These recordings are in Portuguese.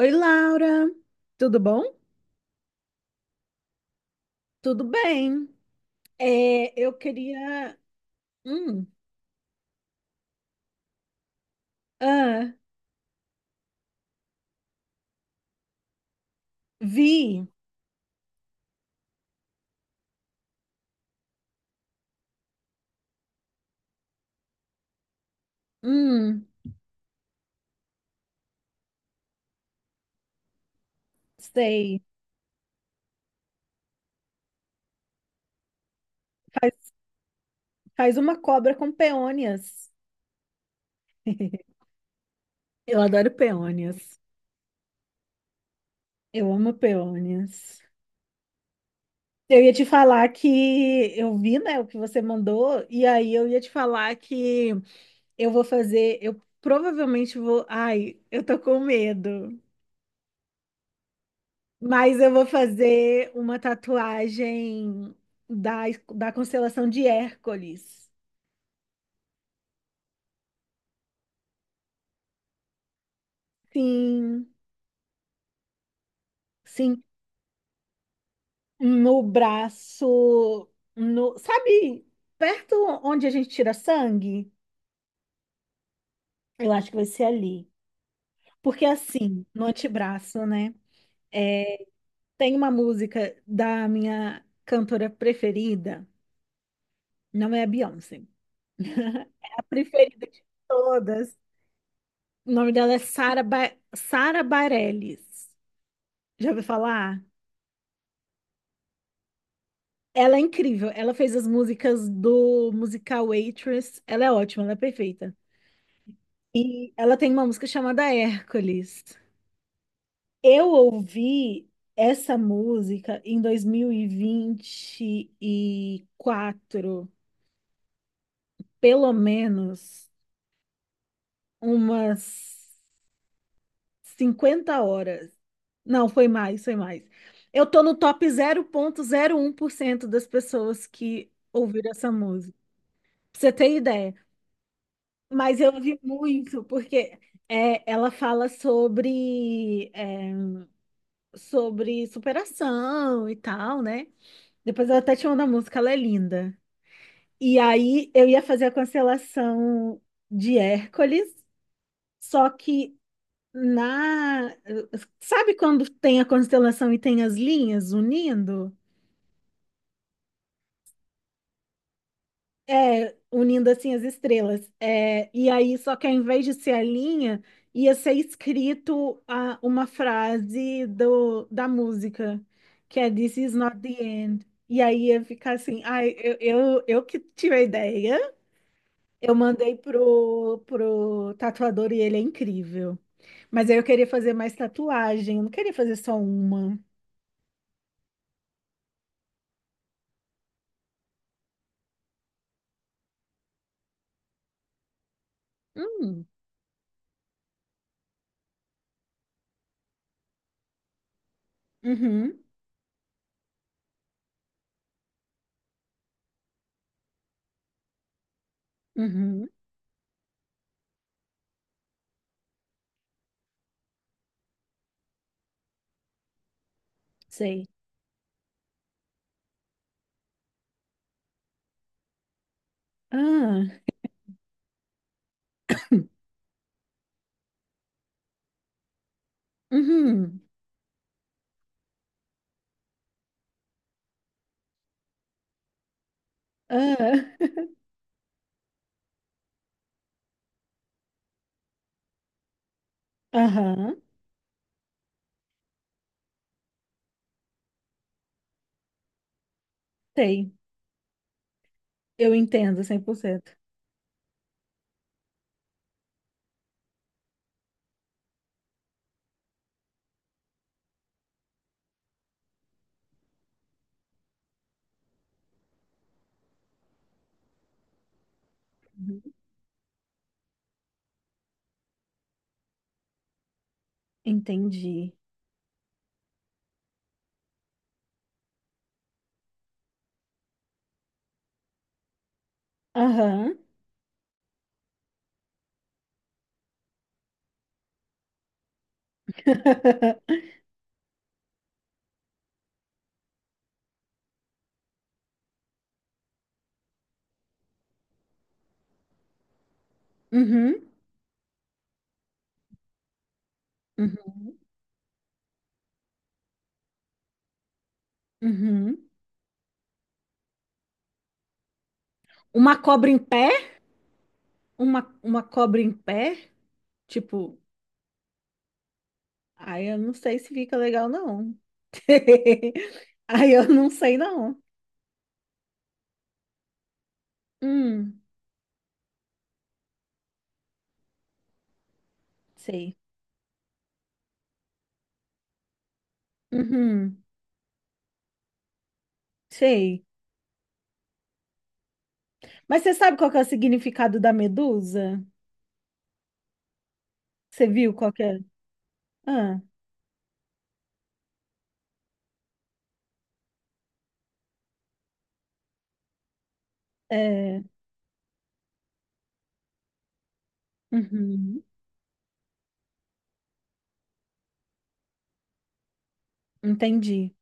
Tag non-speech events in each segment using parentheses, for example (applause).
Oi, Laura, tudo bom? Tudo bem. É, eu queria. Hum, ah, vi. Hum, sei. Faz, faz uma cobra com peônias. (laughs) Eu adoro peônias. Eu amo peônias. Eu ia te falar que eu vi, né, o que você mandou, e aí eu ia te falar que eu vou fazer. Eu provavelmente vou. Ai, eu tô com medo. Mas eu vou fazer uma tatuagem da, da constelação de Hércules. Sim, sim, no braço, no, sabe, perto onde a gente tira sangue? Eu acho que vai ser ali. Porque assim, no antebraço, né? É, tem uma música da minha cantora preferida, não é a Beyoncé. (laughs) É a preferida de todas. O nome dela é Sara Bareilles. Já ouviu falar? Ela é incrível. Ela fez as músicas do musical Waitress. Ela é ótima, ela é perfeita. E ela tem uma música chamada Hércules. Eu ouvi essa música em 2024, pelo menos umas 50 horas. Não, foi mais, foi mais. Eu tô no top 0,01% das pessoas que ouviram essa música. Pra você ter ideia. Mas eu vi muito, porque é, ela fala sobre, é, sobre superação e tal, né? Depois ela até te manda a música, ela é linda. E aí eu ia fazer a constelação de Hércules, só que na. Sabe quando tem a constelação e tem as linhas unindo? É, unindo assim as estrelas. É, e aí, só que ao invés de ser a linha, ia ser escrito uma frase da música, que é This is not the end. E aí ia ficar assim, ai, eu que tive a ideia, eu mandei pro tatuador e ele é incrível. Mas aí eu queria fazer mais tatuagem, eu não queria fazer só uma. Hum, uhum, uhum, sei. Ah, uhum, ah. (laughs) Aham, sei. Eu entendo 100%. Uhum. Entendi. Aham. (laughs) Uhum. Uhum. Uhum. Uma cobra em pé? Uma cobra em pé? Tipo, aí eu não sei se fica legal, não. (laughs) Aí eu não sei, não. Hum, sei. Uhum, sei. Mas você sabe qual que é o significado da medusa? Você viu qual que é? Ah, é. Uhum, entendi.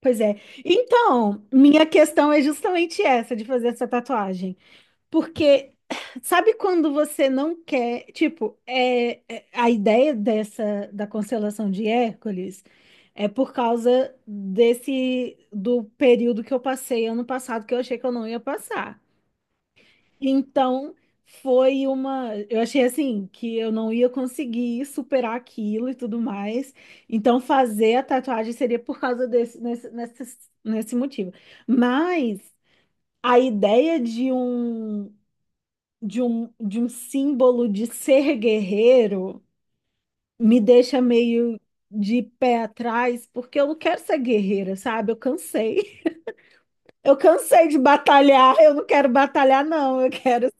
Pois é. Então, minha questão é justamente essa de fazer essa tatuagem. Porque sabe quando você não quer, tipo, a ideia dessa da constelação de Hércules é por causa desse do período que eu passei ano passado que eu achei que eu não ia passar. Então, foi uma. Eu achei assim que eu não ia conseguir superar aquilo e tudo mais. Então, fazer a tatuagem seria por causa nesse motivo. Mas a ideia de um símbolo de ser guerreiro me deixa meio de pé atrás, porque eu não quero ser guerreira, sabe? Eu cansei. (laughs) Eu cansei de batalhar. Eu não quero batalhar, não. Eu quero.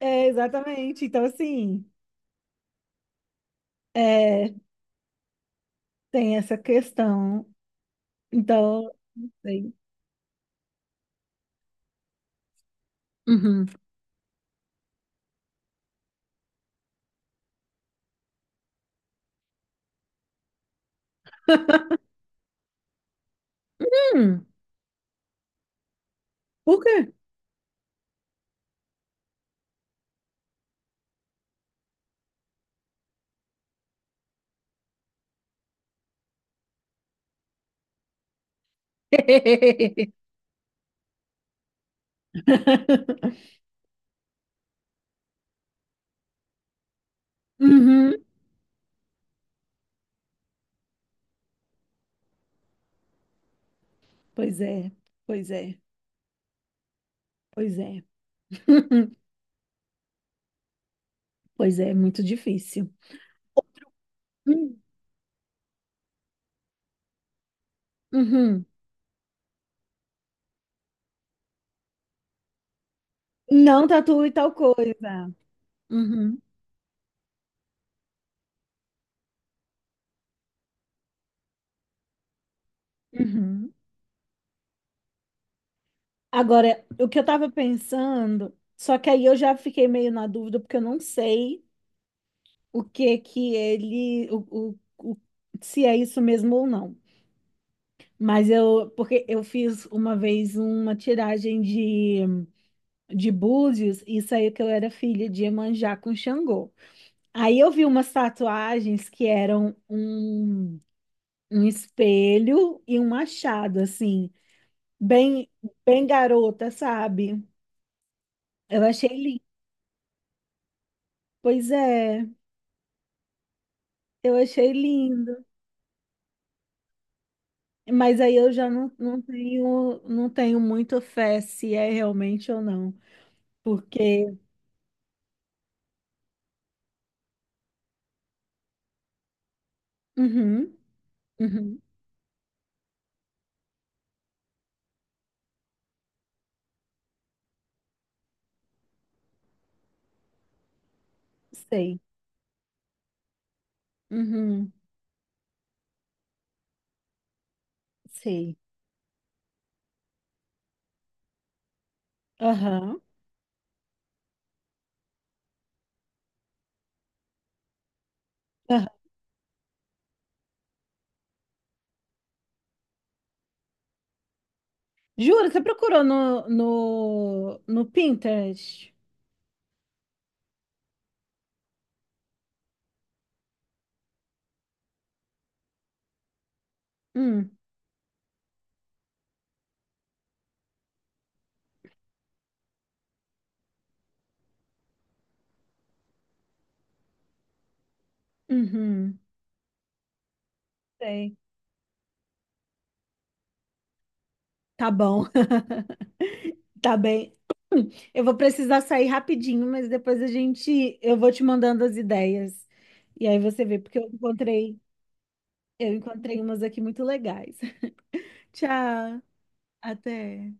É, exatamente. Então, assim. É, tem essa questão. Então, assim, uhum. Hum, por quê? (laughs) Uhum. Pois é, pois é, pois é. (laughs) Pois é, muito difícil. Hum, uhum. Não tatue tal coisa. Uhum, uhum. Agora, o que eu tava pensando, só que aí eu já fiquei meio na dúvida, porque eu não sei o que que ele, se é isso mesmo ou não. Mas porque eu fiz uma vez uma tiragem de búzios e saiu que eu era filha de Iemanjá com Xangô. Aí eu vi umas tatuagens que eram um espelho e um machado, assim, bem, bem garota, sabe? Eu achei lindo. Pois é, eu achei lindo. Mas aí eu já não, não tenho, não tenho muita fé se é realmente ou não. Porque. Uhum, uhum, sei. Uhum, sei. Aham. Aham. Juro, você procurou no Pinterest? Hum, uhum, sei. Tá bom. (laughs) Tá bem. Eu vou precisar sair rapidinho, mas depois a gente, eu vou te mandando as ideias. E aí você vê, porque eu encontrei umas aqui muito legais. (laughs) Tchau, até.